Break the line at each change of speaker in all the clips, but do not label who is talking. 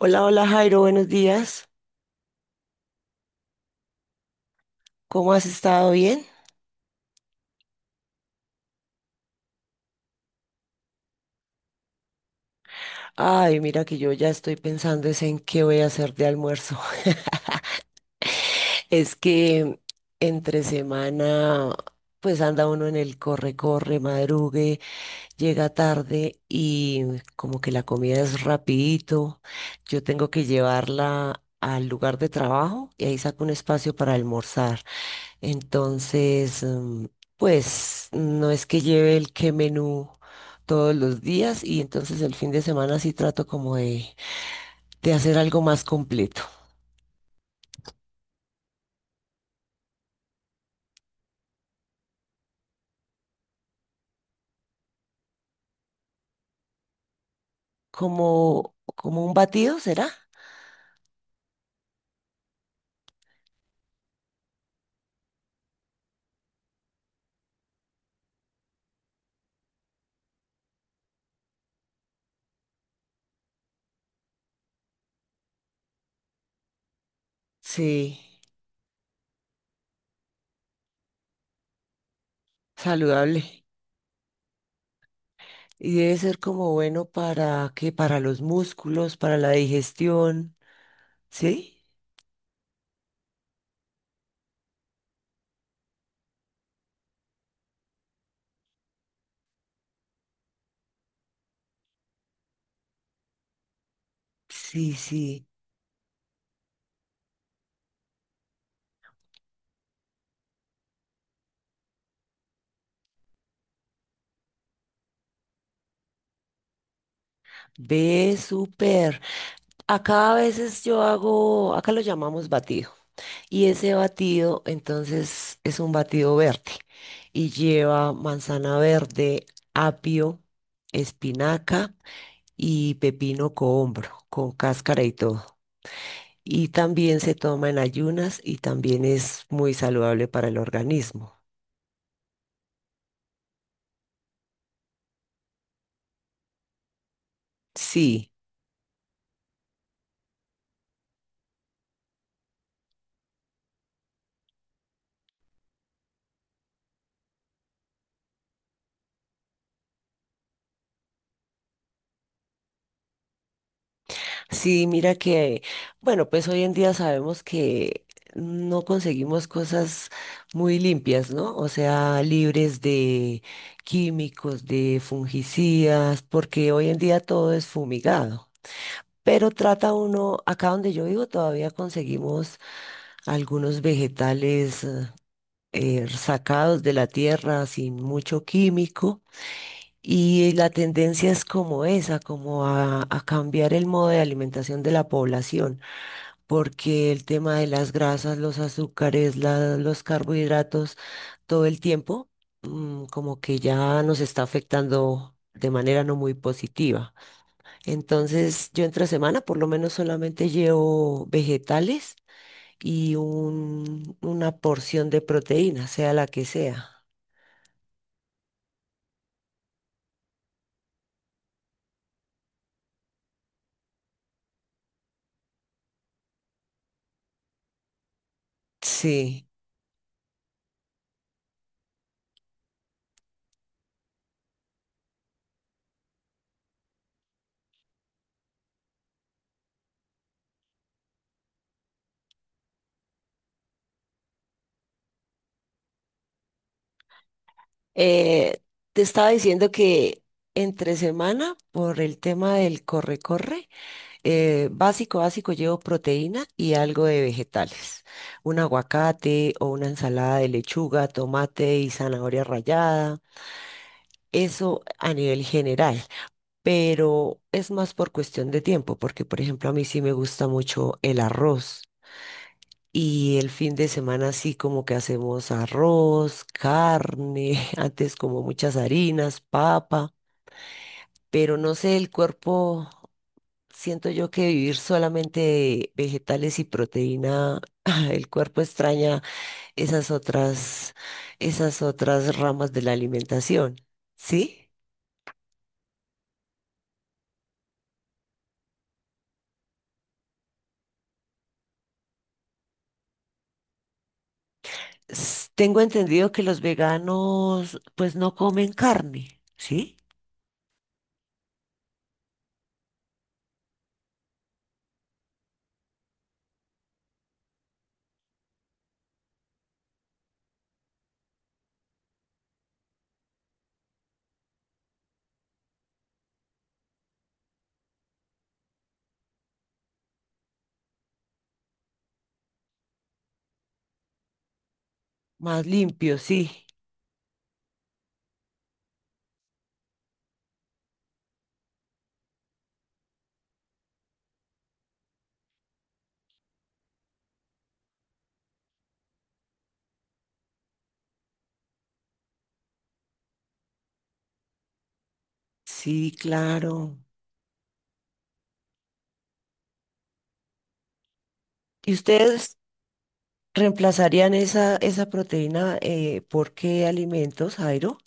Hola, hola Jairo, buenos días. ¿Cómo has estado? ¿Bien? Ay, mira que yo ya estoy pensando es en qué voy a hacer de almuerzo. Es que entre semana, pues anda uno en el corre, corre, madrugue, llega tarde y como que la comida es rapidito. Yo tengo que llevarla al lugar de trabajo y ahí saco un espacio para almorzar. Entonces, pues no es que lleve el qué menú todos los días y entonces el fin de semana sí trato como de hacer algo más completo. Como un batido, ¿será? Sí, saludable. Y debe ser como bueno para que para los músculos, para la digestión, ¿sí? Sí, sí. Ve súper. Acá a veces yo hago, acá lo llamamos batido. Y ese batido, entonces, es un batido verde y lleva manzana verde, apio, espinaca y pepino cohombro con cáscara y todo. Y también se toma en ayunas y también es muy saludable para el organismo. Sí. Sí, mira que, bueno, pues hoy en día sabemos que no conseguimos cosas muy limpias, ¿no? O sea, libres de químicos, de fungicidas, porque hoy en día todo es fumigado. Pero trata uno, acá donde yo vivo todavía conseguimos algunos vegetales sacados de la tierra sin mucho químico. Y la tendencia es como esa, como a cambiar el modo de alimentación de la población porque el tema de las grasas, los azúcares, los carbohidratos, todo el tiempo, como que ya nos está afectando de manera no muy positiva. Entonces, yo entre semana por lo menos solamente llevo vegetales y una porción de proteína, sea la que sea. Sí. Eh, Te estaba diciendo que entre semana, por el tema del corre-corre, básico, básico, llevo proteína y algo de vegetales. Un aguacate o una ensalada de lechuga, tomate y zanahoria rallada. Eso a nivel general, pero es más por cuestión de tiempo, porque por ejemplo a mí sí me gusta mucho el arroz y el fin de semana sí como que hacemos arroz, carne, antes como muchas harinas, papa, pero no sé, el cuerpo. Siento yo que vivir solamente de vegetales y proteína, el cuerpo extraña esas otras, esas otras ramas de la alimentación, ¿sí? Tengo entendido que los veganos pues no comen carne, ¿sí? Más limpio, sí. Sí, claro. ¿Y ustedes reemplazarían esa, esa proteína por qué alimentos, Jairo?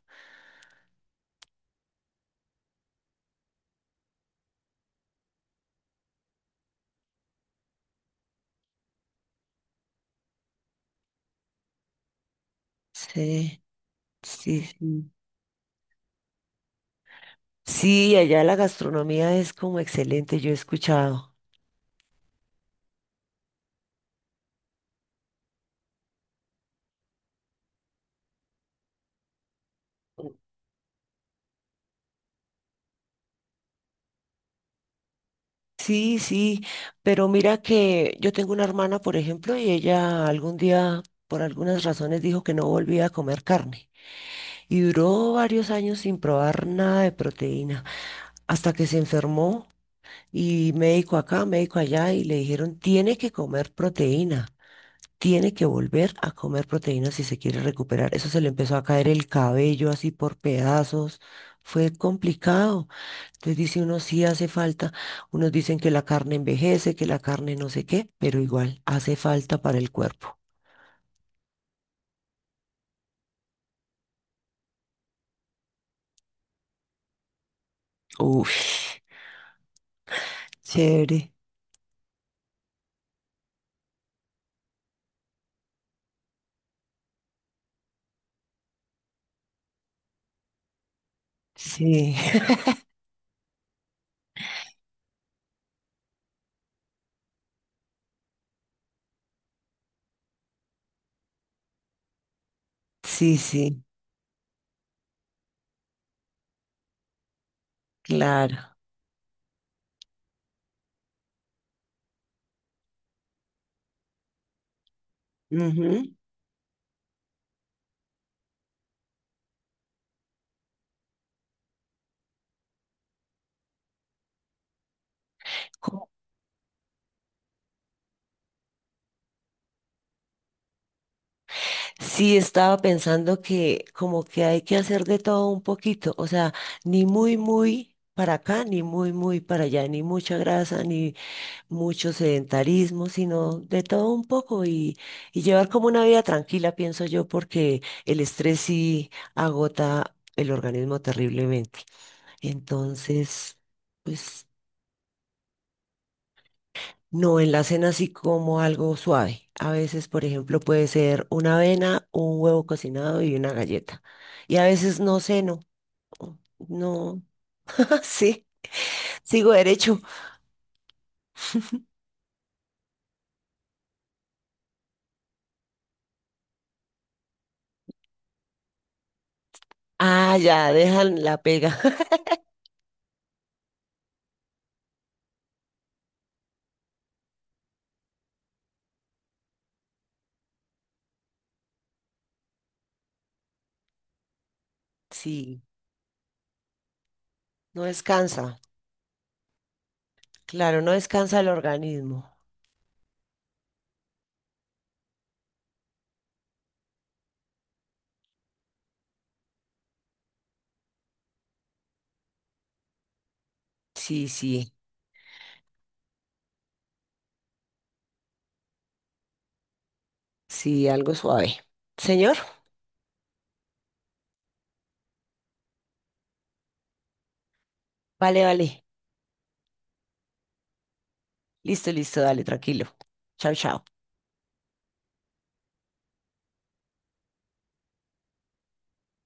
Sí, sí, sí. Sí, allá la gastronomía es como excelente, yo he escuchado. Sí, sí, pero mira que yo tengo una hermana, por ejemplo, y ella algún día, por algunas razones, dijo que no volvía a comer carne y duró varios años sin probar nada de proteína, hasta que se enfermó y médico acá, médico allá, y le dijeron, tiene que comer proteína, tiene que volver a comer proteína si se quiere recuperar. Eso se le empezó a caer el cabello así por pedazos, fue complicado. Entonces dice uno, sí hace falta. Unos dicen que la carne envejece, que la carne no sé qué, pero igual hace falta para el cuerpo. Uf, chévere. Sí, sí, sí, claro. Ujú. Como. Sí, estaba pensando que como que hay que hacer de todo un poquito, o sea, ni muy, muy para acá, ni muy, muy para allá, ni mucha grasa, ni mucho sedentarismo, sino de todo un poco y llevar como una vida tranquila, pienso yo, porque el estrés sí agota el organismo terriblemente. Entonces, pues no, en la cena sí como algo suave. A veces, por ejemplo, puede ser una avena, un huevo cocinado y una galleta. Y a veces no ceno. No, sí, sigo derecho. Ah, ya, dejan la pega. Sí, no descansa. Claro, no descansa el organismo. Sí, sí, sí, algo suave. Señor, vale, vale. Listo, listo, dale, tranquilo. Chao, chao.